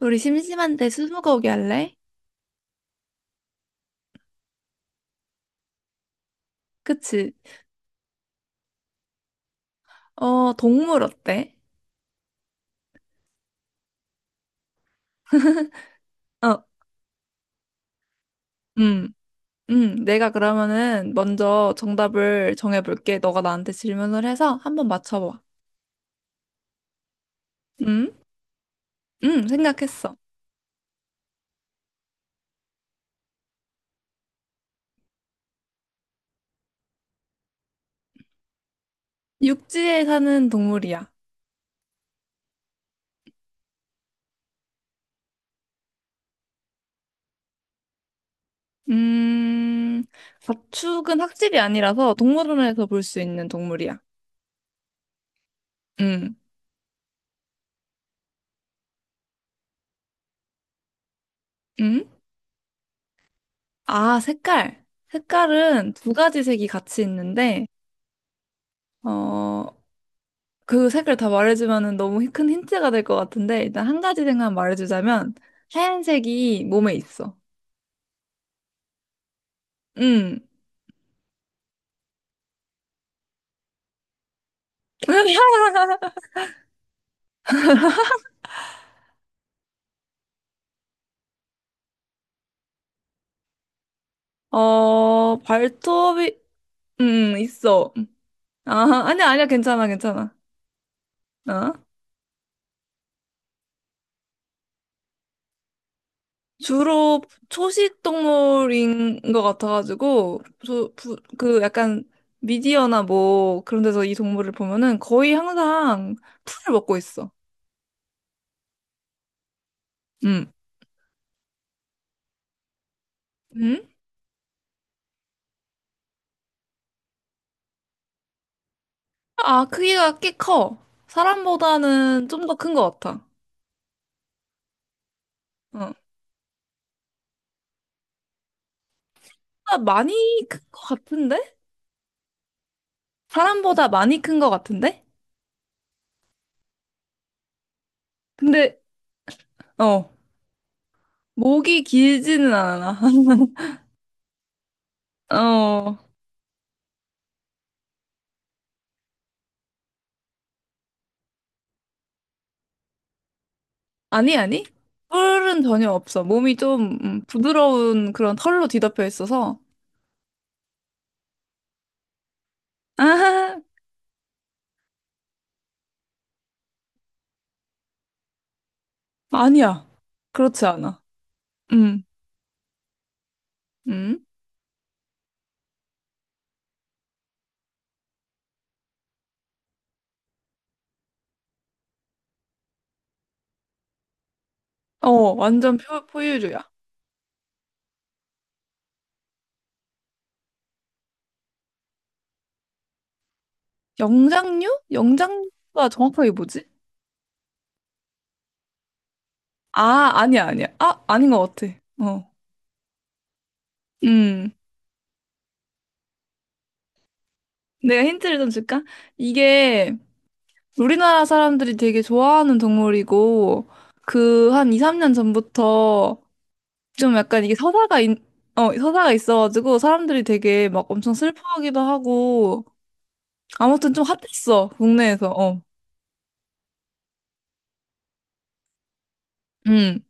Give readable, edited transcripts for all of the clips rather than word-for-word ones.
우리 심심한데 스무고기 할래? 그치? 어, 동물 어때? 어. 음. 음. 내가 그러면은 먼저 정답을 정해볼게. 너가 나한테 질문을 해서 한번 맞춰봐. 음, 생각했어. 육지에 사는 동물이야. 음, 가축은 학질이 아니라서 동물원에서 볼 수 있는 동물이야. 음. 음. 아, 색깔. 색깔은 두 가지 색이 같이 있는데, 어, 그 색깔 다 말해주면은 너무 큰 힌트가 될 것 같은데 일단 한 가지 생각 말해주자면 하얀색이 몸에 있어. 응. 발톱이 응 있어. 아, 아니야, 아니야, 괜찮아, 괜찮아. 어? 주로 초식 동물인 것 같아가지고 그 약간 미디어나 뭐 그런 데서 이 동물을 보면은 거의 항상 풀을 먹고 있어. 응. 응? 아, 크기가 꽤 커. 사람보다는 좀 더 큰 것 같아. 어. 아, 많이 큰 것 같은데? 사람보다 많이 큰 것 같은데? 근데, 어, 목이 길지는 않아. 어, 아니, 아니. 뿔은 전혀 없어. 몸이 좀 부드러운 그런 털로 뒤덮여 있어서. 아, 아니야. 그렇지 않아. 음. 음. 완전 포유류야. 영장류? 영장류가 정확하게 뭐지? 아, 아니야, 아니야. 아, 아닌 것 같아. 어. 음. 내가 힌트를 좀 줄까? 이게 우리나라 사람들이 되게 좋아하는 동물이고, 그 한 2, 3년 전부터 좀 약간 이게 서사가 있어가지고 사람들이 되게 막 엄청 슬퍼하기도 하고, 아무튼 좀 핫했어, 국내에서. 어. 음.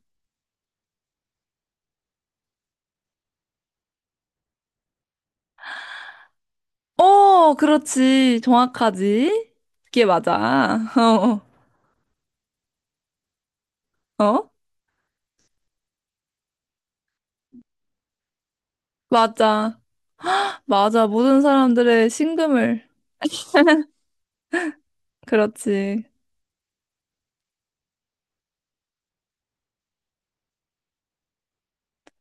어, 그렇지. 정확하지. 그게 맞아. 어. 어. 어? 맞아. 맞아. 모든 사람들의 심금을. 그렇지.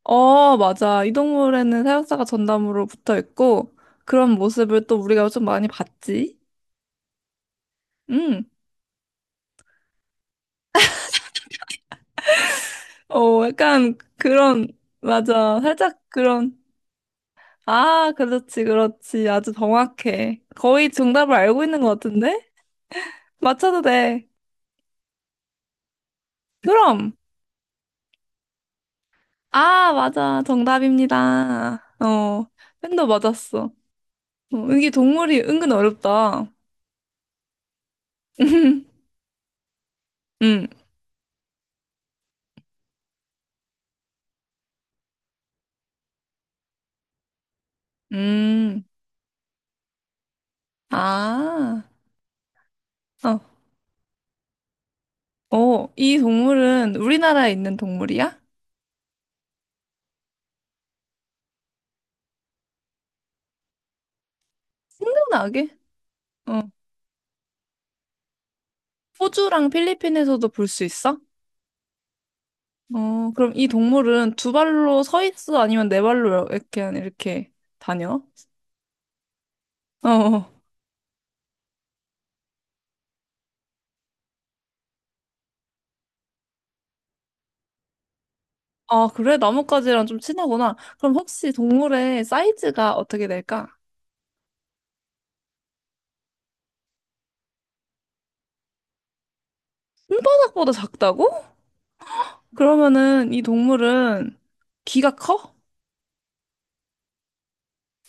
어, 맞아. 이 동물에는 사육사가 전담으로 붙어 있고, 그런 모습을 또 우리가 좀 많이 봤지. 응. 약간 그런, 맞아. 살짝 그런, 아, 그렇지, 그렇지. 아주 정확해. 거의 정답을 알고 있는 것 같은데? 맞춰도 돼. 그럼. 아, 맞아. 정답입니다. 어, 팬도 맞았어. 이게 동물이 은근 어렵다. 음. 음. 아. 어. 이 동물은 우리나라에 있는 동물이야? 생각나게? 어, 호주랑 필리핀에서도 볼 수 있어? 그럼 이 동물은 두 발로 서 있어? 아니면 네 발로 이렇게, 이렇게 다녀? 어. 어. 아, 그래? 나뭇가지랑 좀 친하구나. 그럼 혹시 동물의 사이즈가 어떻게 될까? 손바닥보다 작다고? 그러면은 이 동물은 귀가 커?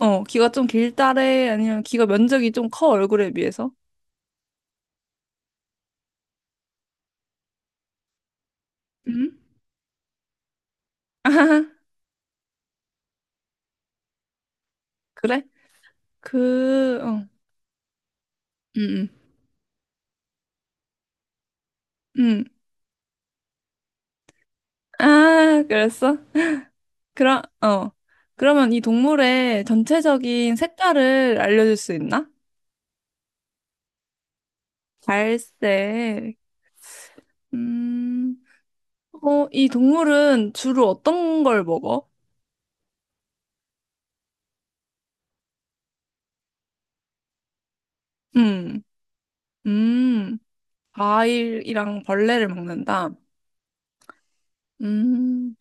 귀가 좀 길다래? 아니면 귀가 면적이 좀 커, 얼굴에 비해서? 응? 그래? 그, 어, 응, 응, 응. 아, 그랬어? 그럼, 어. 그러면 이 동물의 전체적인 색깔을 알려줄 수 있나? 갈색. 음, 이 동물은 주로 어떤 걸 먹어? 음, 음, 과일이랑 벌레를 먹는다. 음,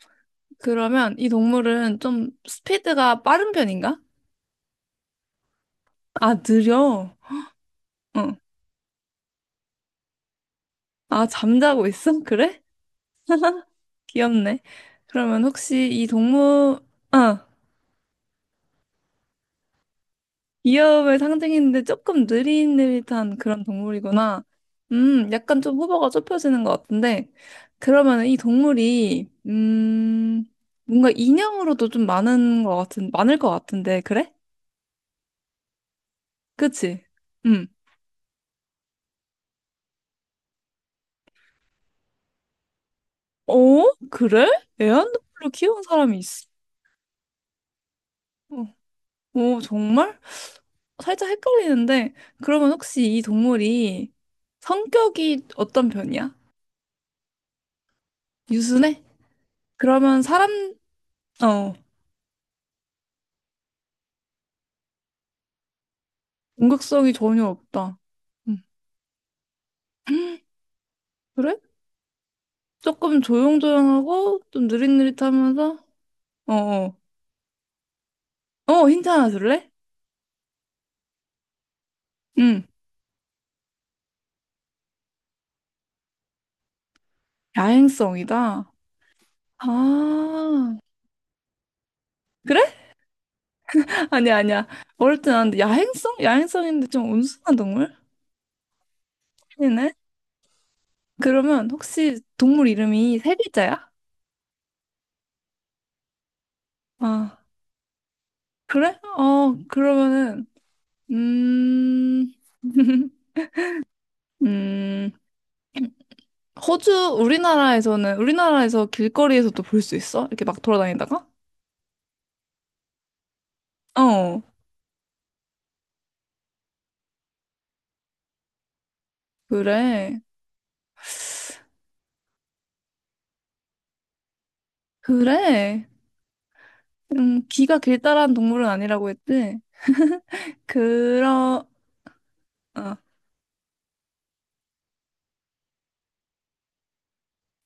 그러면 이 동물은 좀 스피드가 빠른 편인가? 아, 느려. 어. 아, 잠자고 있어? 그래? 귀엽네. 그러면 혹시 이 동물, 아, 귀여움을 상징했는데 조금 느릿느릿한 그런 동물이구나. 약간 좀 후보가 좁혀지는 것 같은데. 그러면 이 동물이, 뭔가 인형으로도 좀 많은 것 같은, 많을 것 같은데, 그래? 그치? 음. 어? 그래? 애완동물로 키운 사람이 있어? 오, 정말? 살짝 헷갈리는데, 그러면 혹시 이 동물이 성격이 어떤 편이야? 유순해? 그러면 사람, 어, 공격성이 전혀 없다. 음. 그래? 조금 조용조용하고 좀 느릿느릿하면서 어, 어, 힌트 하나 줄래? 응, 야행성이다. 아, 그래? 아니야, 아니야. 어릴 때 나는데 야행성? 야행성인데 좀 온순한 동물? 아니네. 그러면 혹시 동물 이름이 세 글자야? 아, 그래? 그러면은 음, 음, 호주, 우리나라에서 길거리에서도 볼 수 있어? 이렇게 막 돌아다니다가? 어, 그래. 그래. 귀가 길다란 동물은 아니라고 했지. 그러, 어.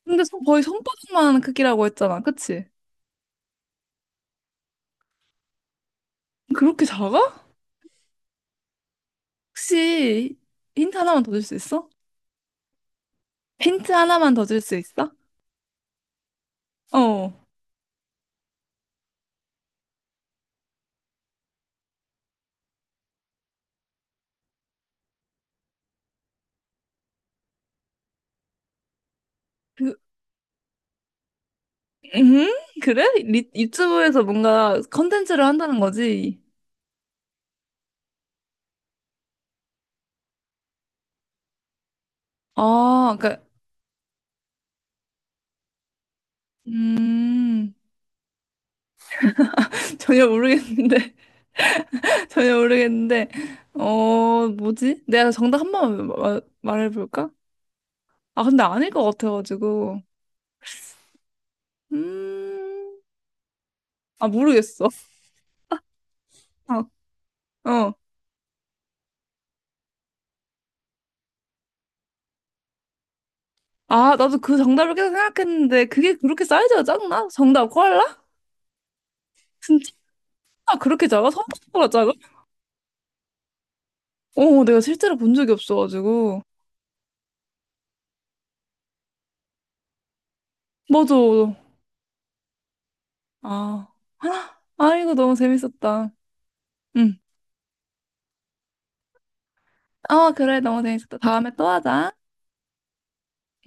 근데 거의 손바닥만 크기라고 했잖아. 그치? 그렇게 작아? 혹시 힌트 하나만 더 줄 수 있어? 힌트 하나만 더 줄 수 있어? 어. 그, 음? 그래? 유튜브에서 뭔가 컨텐츠를 한다는 거지? 아, 그니까, 음, 전혀 모르겠는데. 전혀 모르겠는데, 뭐지? 내가 정답 한 번만 말해볼까? 아, 근데 아닐 것 같아가지고. 음, 아, 모르겠어. 어. 어. 아, 나도 그 정답을 계속 생각했는데, 그게 그렇게 사이즈가 작나? 정답, 코알라? 진짜 그렇게 작아? 손바닥보다 작아? 내가 실제로 본 적이 없어가지고. 맞아. 아, 아, 이거 너무 재밌었다. 응. 어, 그래, 너무 재밌었다. 다음에 또 하자.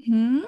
음.